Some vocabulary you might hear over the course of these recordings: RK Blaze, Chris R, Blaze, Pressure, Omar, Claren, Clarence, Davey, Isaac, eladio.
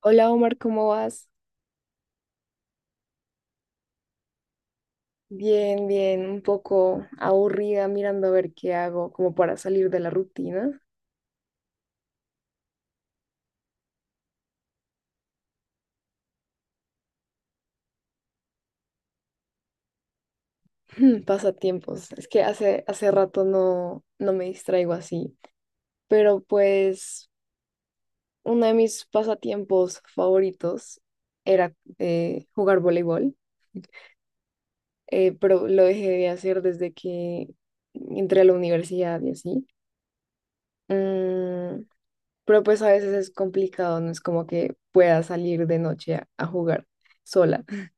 Hola Omar, ¿cómo vas? Bien, bien, un poco aburrida mirando a ver qué hago como para salir de la rutina. Pasatiempos. Es que hace rato no, no me distraigo así. Pero pues uno de mis pasatiempos favoritos era jugar voleibol, pero lo dejé de hacer desde que entré a la universidad y así. Mm. Pero pues a veces es complicado, no es como que pueda salir de noche a jugar sola.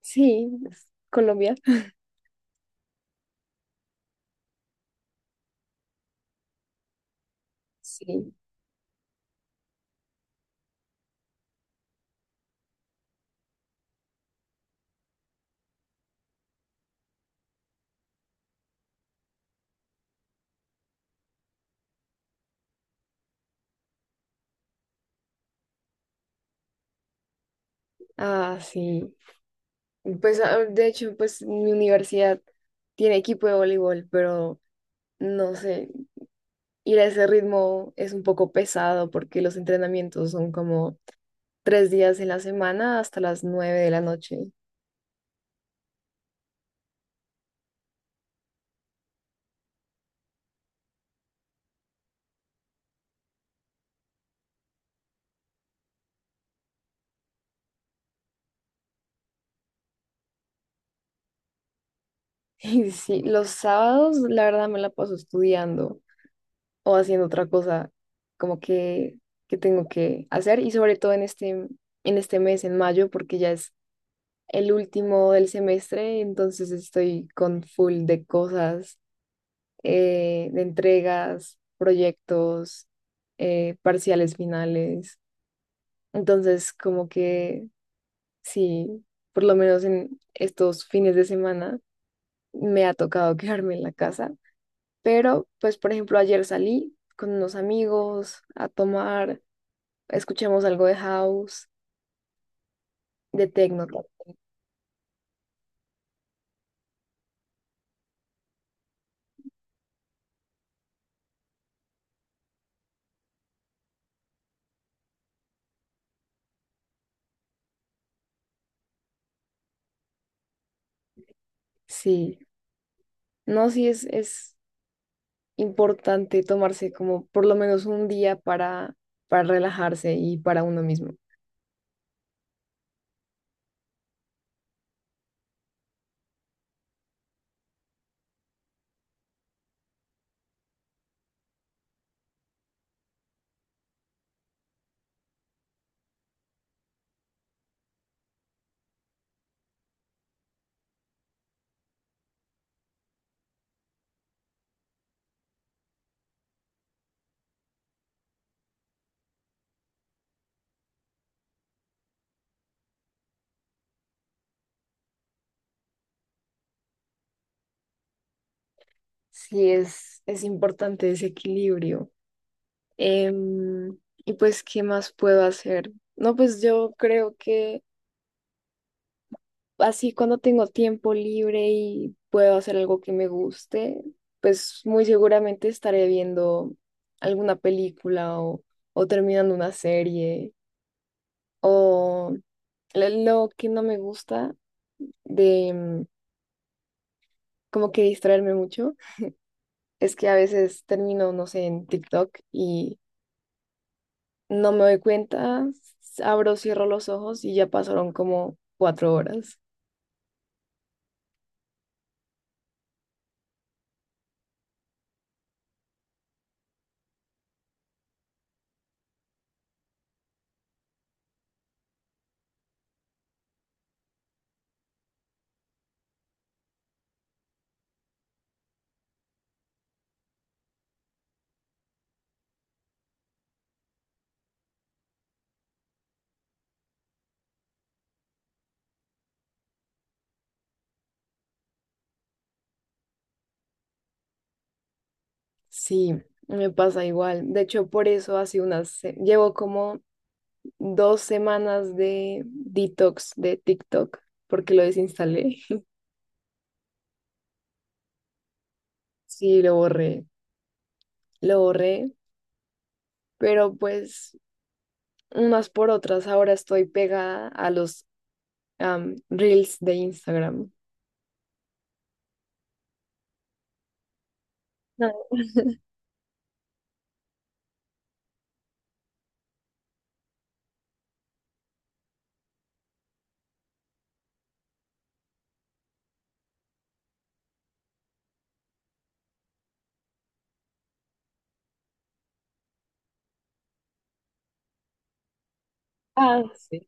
Sí, es Colombia. Sí. Ah, sí. Pues ah, de hecho, pues mi universidad tiene equipo de voleibol, pero no sé, ir a ese ritmo es un poco pesado porque los entrenamientos son como 3 días en la semana hasta las 9 de la noche. Y sí, los sábados la verdad me la paso estudiando o haciendo otra cosa como que tengo que hacer y sobre todo en este mes, en mayo, porque ya es el último del semestre, entonces estoy con full de cosas, de entregas, proyectos, parciales finales. Entonces como que sí, por lo menos en estos fines de semana me ha tocado quedarme en la casa. Pero, pues, por ejemplo, ayer salí con unos amigos a tomar, escuchamos algo de house, de techno. Sí, no, sí es importante tomarse como por lo menos un día para relajarse y para uno mismo. Sí, es importante ese equilibrio. Em, y pues, ¿qué más puedo hacer? No, pues yo creo que así cuando tengo tiempo libre y puedo hacer algo que me guste, pues muy seguramente estaré viendo alguna película o terminando una serie. O lo que no me gusta de como que distraerme mucho es que a veces termino, no sé, en TikTok y no me doy cuenta, abro, cierro los ojos y ya pasaron como 4 horas. Sí, me pasa igual. De hecho, por eso llevo como 2 semanas de detox de TikTok porque lo desinstalé. Sí, lo borré, pero pues... unas por otras, ahora estoy pegada a los reels de Instagram. No. Ah, sí.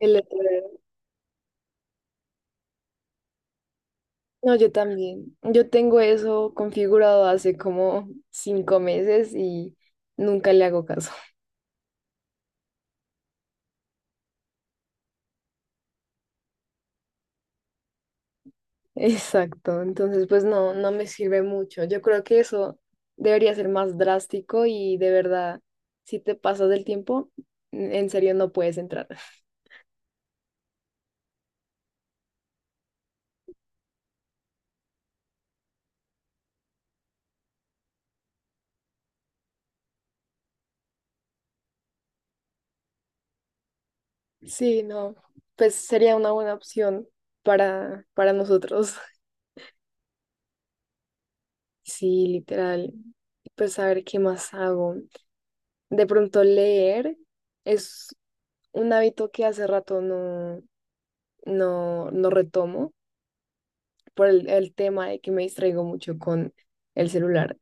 El letrero. No, yo también. Yo tengo eso configurado hace como 5 meses y nunca le hago caso. Exacto. Entonces, pues no, no me sirve mucho. Yo creo que eso debería ser más drástico y de verdad, si te pasas del tiempo, en serio no puedes entrar. Sí, no, pues sería una buena opción para nosotros. Sí, literal. Pues a ver qué más hago. De pronto leer es un hábito que hace rato no, no, no retomo por el tema de que me distraigo mucho con el celular.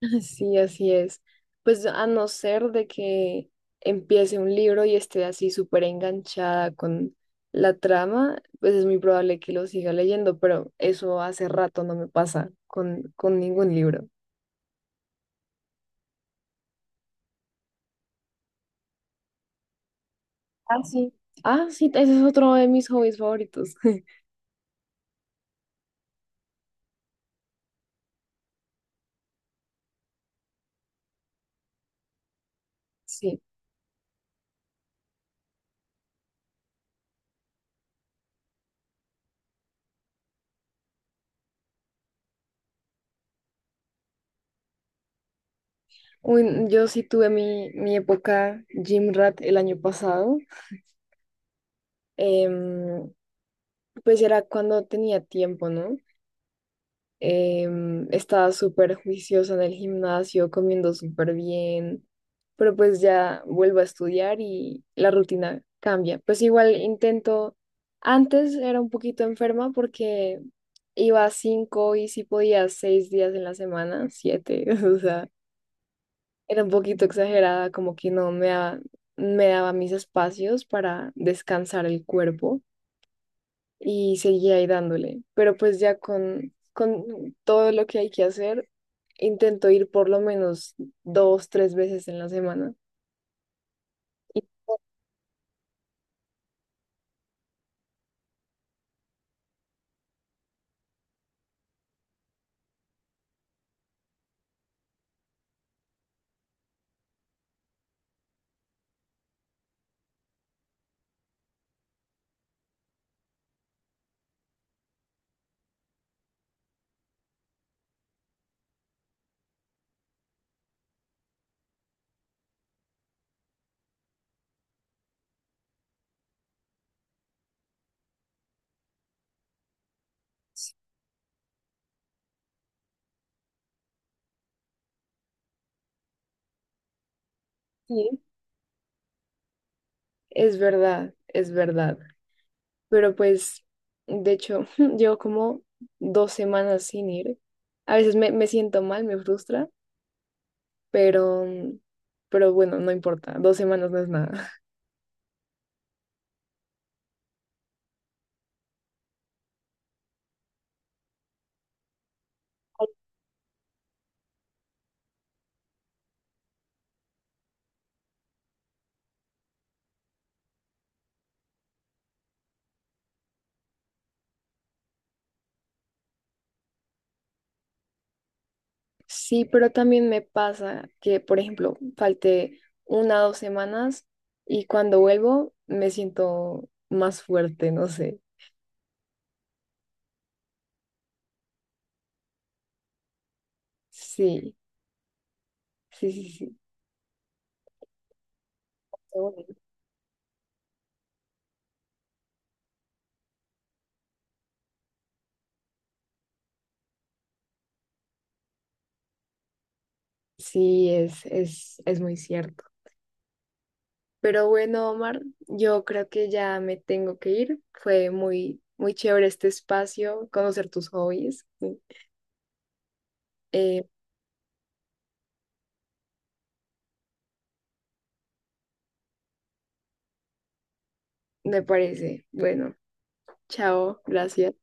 Sí, así es. Pues a no ser de que empiece un libro y esté así súper enganchada con la trama, pues es muy probable que lo siga leyendo, pero eso hace rato no me pasa con ningún libro. Ah, sí. Ah, sí, ese es otro de mis hobbies favoritos. Sí. Uy, yo sí tuve mi época Gym Rat el año pasado. Em, pues era cuando tenía tiempo, ¿no? Estaba súper juiciosa en el gimnasio, comiendo súper bien, pero pues ya vuelvo a estudiar y la rutina cambia. Pues igual intento, antes era un poquito enferma porque iba cinco y si podía 6 días en la semana, siete, o sea, era un poquito exagerada, como que no me daba, me daba mis espacios para descansar el cuerpo. Y seguía ahí dándole, pero pues ya con todo lo que hay que hacer, intento ir por lo menos 2, 3 veces en la semana. Y sí, es verdad, es verdad. Pero pues, de hecho, llevo como 2 semanas sin ir. A veces me siento mal, me frustra, pero, mm, pero bueno, no importa. 2 semanas no es nada. Sí, pero también me pasa que, por ejemplo, falté 1 o 2 semanas y cuando vuelvo me siento más fuerte, no sé. Sí, sí, sí, sí. Sí, es muy cierto. Pero bueno, Omar, yo creo que ya me tengo que ir. Fue muy, muy chévere este espacio, conocer tus hobbies. Eh, me parece. Bueno, chao, gracias.